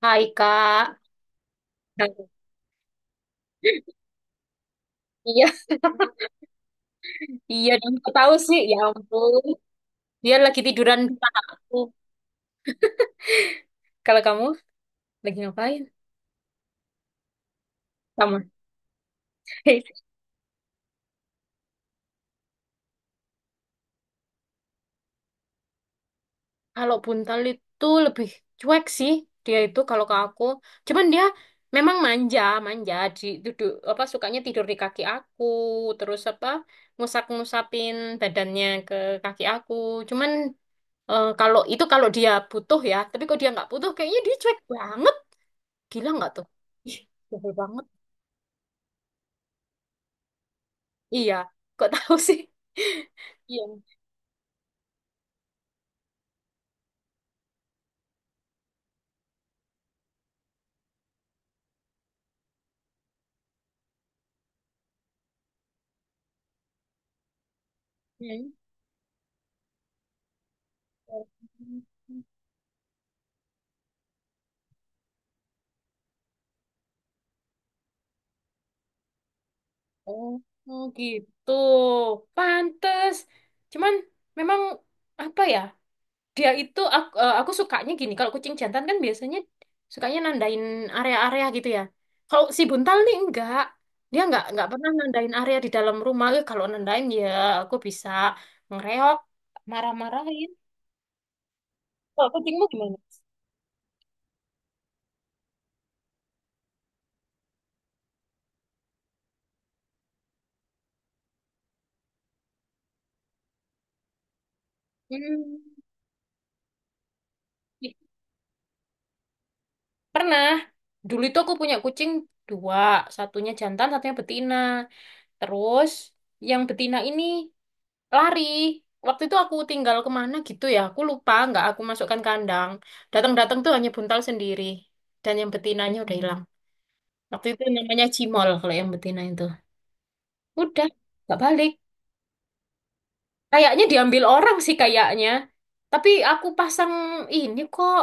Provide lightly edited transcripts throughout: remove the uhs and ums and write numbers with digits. Hai Kak. Nah, iya, iya dong. Kok tahu sih? Ya ampun. Dia lagi tiduran di aku. Kalau kamu lagi ngapain? Sama. Kalau buntal itu lebih cuek sih. Dia itu kalau ke aku. Cuman dia memang manja, manja. Di duduk apa sukanya tidur di kaki aku. Terus apa ngusap-ngusapin badannya ke kaki aku. Cuman kalau itu kalau dia butuh ya. Tapi kalau dia nggak butuh, kayaknya dia cuek banget. Gila nggak tuh? Ih, sebel banget. Iya, kok tahu sih? Iya, nyanyi. Oh, oh gitu. Pantes. Cuman memang apa ya? Dia itu aku, aku sukanya gini. Kalau kucing jantan kan biasanya sukanya nandain area-area gitu ya. Kalau si buntal nih enggak. Dia enggak pernah nandain area di dalam rumah. Eh, kalau nandain ya aku bisa ngereok, marah-marahin. Kalau kucingmu gimana? Hmm. Pernah. Dulu itu aku punya kucing dua, satunya jantan, satunya betina. Terus yang betina ini lari. Waktu itu aku tinggal kemana gitu ya, aku lupa, nggak aku masukkan kandang. Datang-datang tuh hanya buntal sendiri. Dan yang betinanya udah hilang. Waktu itu namanya Cimol kalau yang betina itu. Udah, nggak balik. Kayaknya diambil orang sih kayaknya. Tapi aku pasang ini kok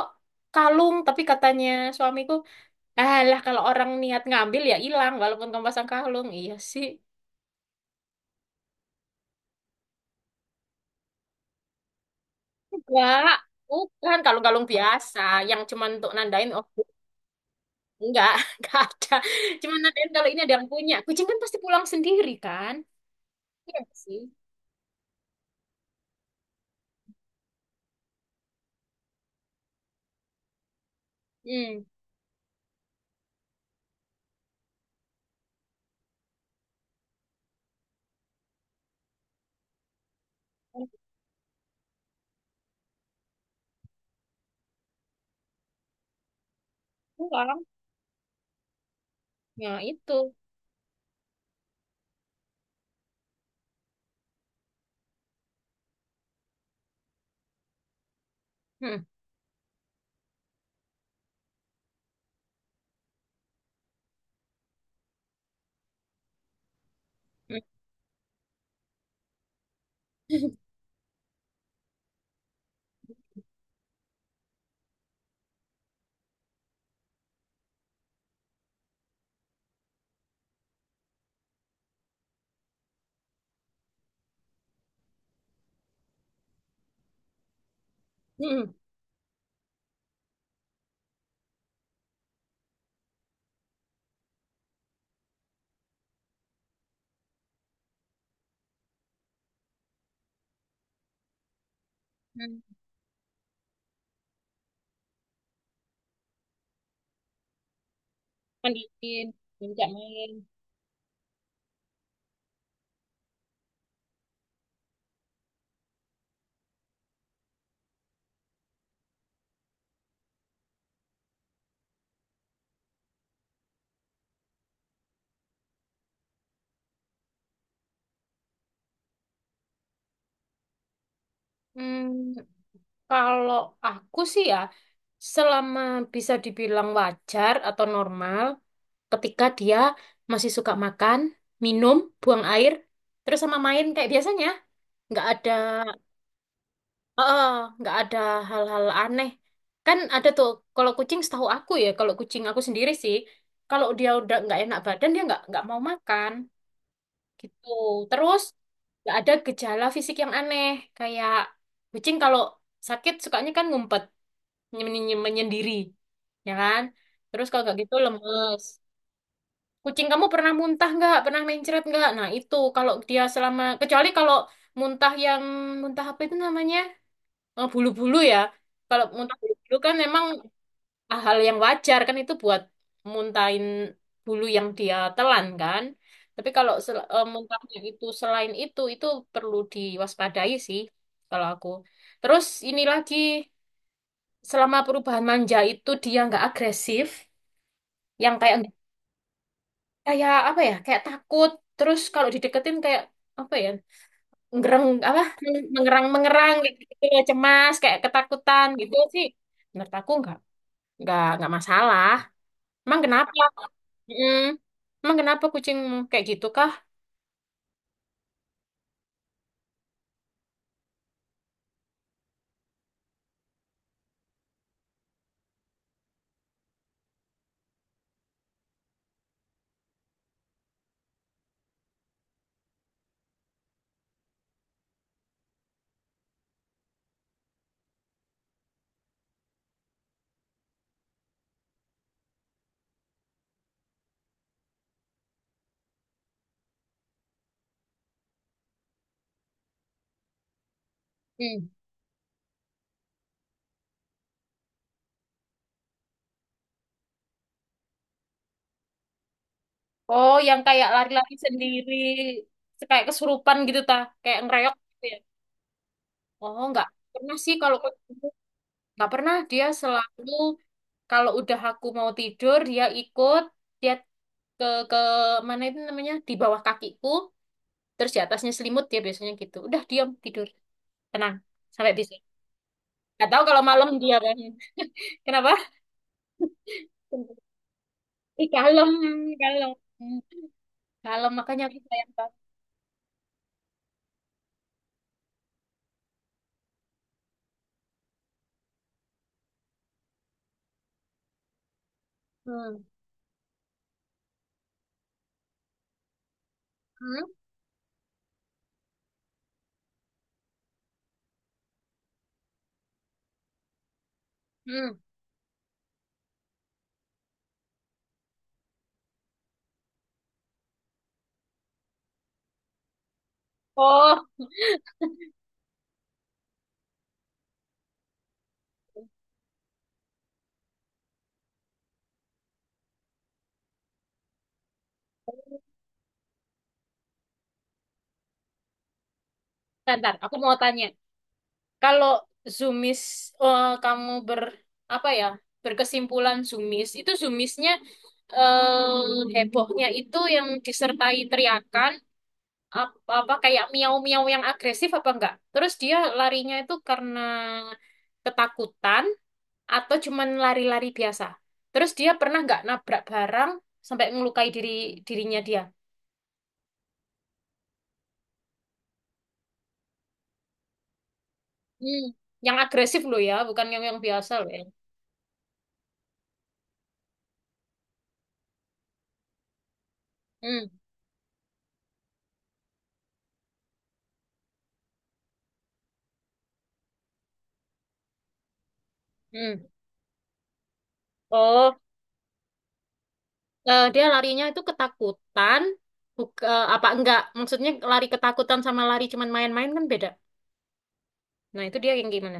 kalung, tapi katanya suamiku ah lah kalau orang niat ngambil ya hilang walaupun kamu pasang kalung. Iya sih. Enggak. Bukan kalung-kalung biasa yang cuman untuk nandain oh enggak, enggak ada. Cuman nandain kalau ini ada yang punya. Kucing kan pasti pulang sendiri kan? Iya nggak sih. Hmm. Kalau pulang. Ya itu. Hmm. Hmm. Hmm. Hmm. Mandiin, minjak main. Hmm, kalau aku sih ya, selama bisa dibilang wajar atau normal, ketika dia masih suka makan, minum, buang air, terus sama main kayak biasanya. Nggak ada, eh, nggak ada hal-hal aneh. Kan ada tuh, kalau kucing setahu aku ya, kalau kucing aku sendiri sih, kalau dia udah nggak enak badan, dia nggak mau makan gitu. Terus nggak ada gejala fisik yang aneh, kayak kucing kalau sakit sukanya kan ngumpet, nyemen- menyendiri, ya kan? Terus kalau nggak gitu lemes. Kucing kamu pernah muntah nggak? Pernah mencret nggak? Nah itu kalau dia selama kecuali kalau muntah yang muntah apa itu namanya eh, bulu-bulu ya. Kalau muntah bulu-bulu kan memang hal yang wajar kan itu buat muntahin bulu yang dia telan kan. Tapi kalau sel- muntahnya itu selain itu perlu diwaspadai sih kalau aku. Terus ini lagi selama perubahan manja itu dia nggak agresif, yang kayak kayak apa ya kayak takut terus kalau dideketin kayak apa ya ngereng apa mengerang mengerang kayak gitu kayak cemas kayak ketakutan gitu sih menurut aku nggak nggak masalah emang kenapa. Mm. Emang kenapa kucing kayak gitu kah. Mm. Oh yang kayak lari-lari sendiri kayak kesurupan gitu ta kayak ngereok gitu ya. Oh nggak pernah sih kalau kucing itu. Nggak pernah dia selalu kalau udah aku mau tidur dia ikut dia ke ke mana itu namanya di bawah kakiku terus di atasnya selimut dia biasanya gitu udah diam tidur tenang sampai besok nggak tahu kalau malam dia kan. Kenapa ih kalem kalem kalem makanya aku sayang banget. Hmm. Hmm? Hmm. Oh, bentar. Aku mau tanya kalau zoomies kamu ber apa ya berkesimpulan zoomies itu zoomiesnya eh hebohnya itu yang disertai teriakan ap- apa kayak miau-miau yang agresif apa enggak? Terus dia larinya itu karena ketakutan atau cuman lari-lari biasa? Terus dia pernah nggak nabrak barang sampai ngelukai dirinya dia? Hmm, yang agresif loh ya, bukan yang yang biasa loh ya. Hmm, hmm. Oh, dia larinya itu ketakutan, buka, apa enggak? Maksudnya lari ketakutan sama lari cuman main-main kan beda. Nah, itu dia yang gimana?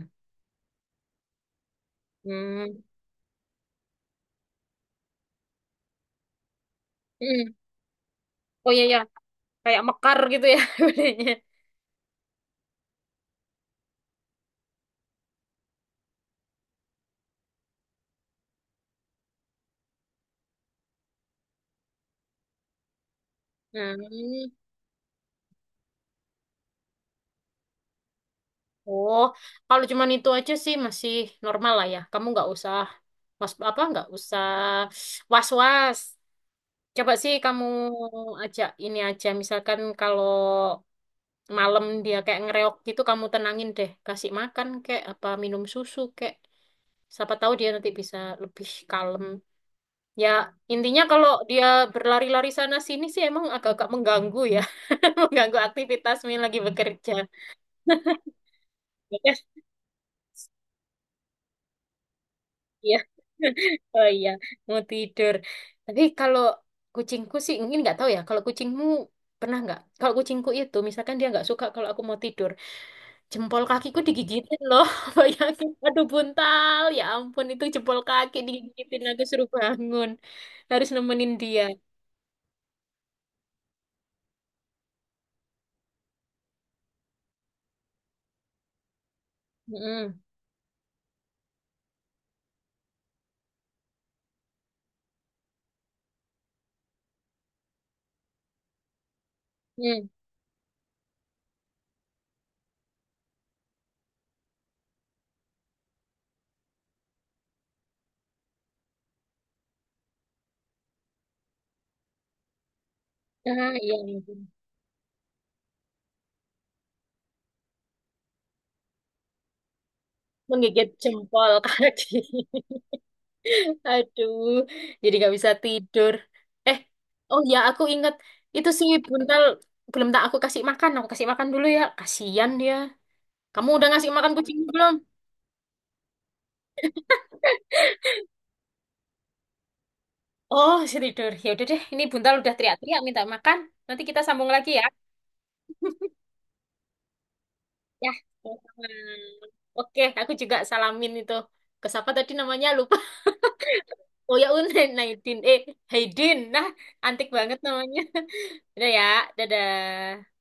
Hmm, hmm. Oh iya ya, kayak mekar gitu ya bunyinya. Hmm. Oh, kalau cuman itu aja sih masih normal lah ya. Kamu nggak usah was apa nggak usah was-was. Coba sih kamu ajak ini aja. Misalkan kalau malam dia kayak ngereok gitu, kamu tenangin deh. Kasih makan kayak apa minum susu kayak. Siapa tahu dia nanti bisa lebih kalem. Ya, intinya kalau dia berlari-lari sana sini sih emang agak-agak mengganggu ya. Mengganggu aktivitasmu yang lagi bekerja. Iya. Oh iya, mau tidur. Tapi kalau kucingku sih, mungkin nggak tahu ya. Kalau kucingmu pernah nggak? Kalau kucingku itu, misalkan dia nggak suka kalau aku mau tidur, jempol kakiku digigitin loh. Bayangin, aduh buntal. Ya ampun, itu jempol kaki digigitin. Aku suruh bangun, harus nemenin dia. Mm-mm. Mm. Ah iya, ampun. Menggigit jempol kaki. Aduh, jadi gak bisa tidur. Eh, oh ya aku ingat itu si Buntal belum tak aku kasih makan. Aku kasih makan dulu ya. Kasihan dia. Kamu udah ngasih makan kucing belum? Oh, si tidur. Ya udah deh, ini Buntal udah teriak-teriak minta makan. Nanti kita sambung lagi ya. Ya. Sama-sama. Oke, aku juga salamin itu. Ke siapa tadi namanya? Lupa. Oh ya, Unen, Naidin. Eh, Haidin. Nah, antik banget namanya. Udah ya, dadah.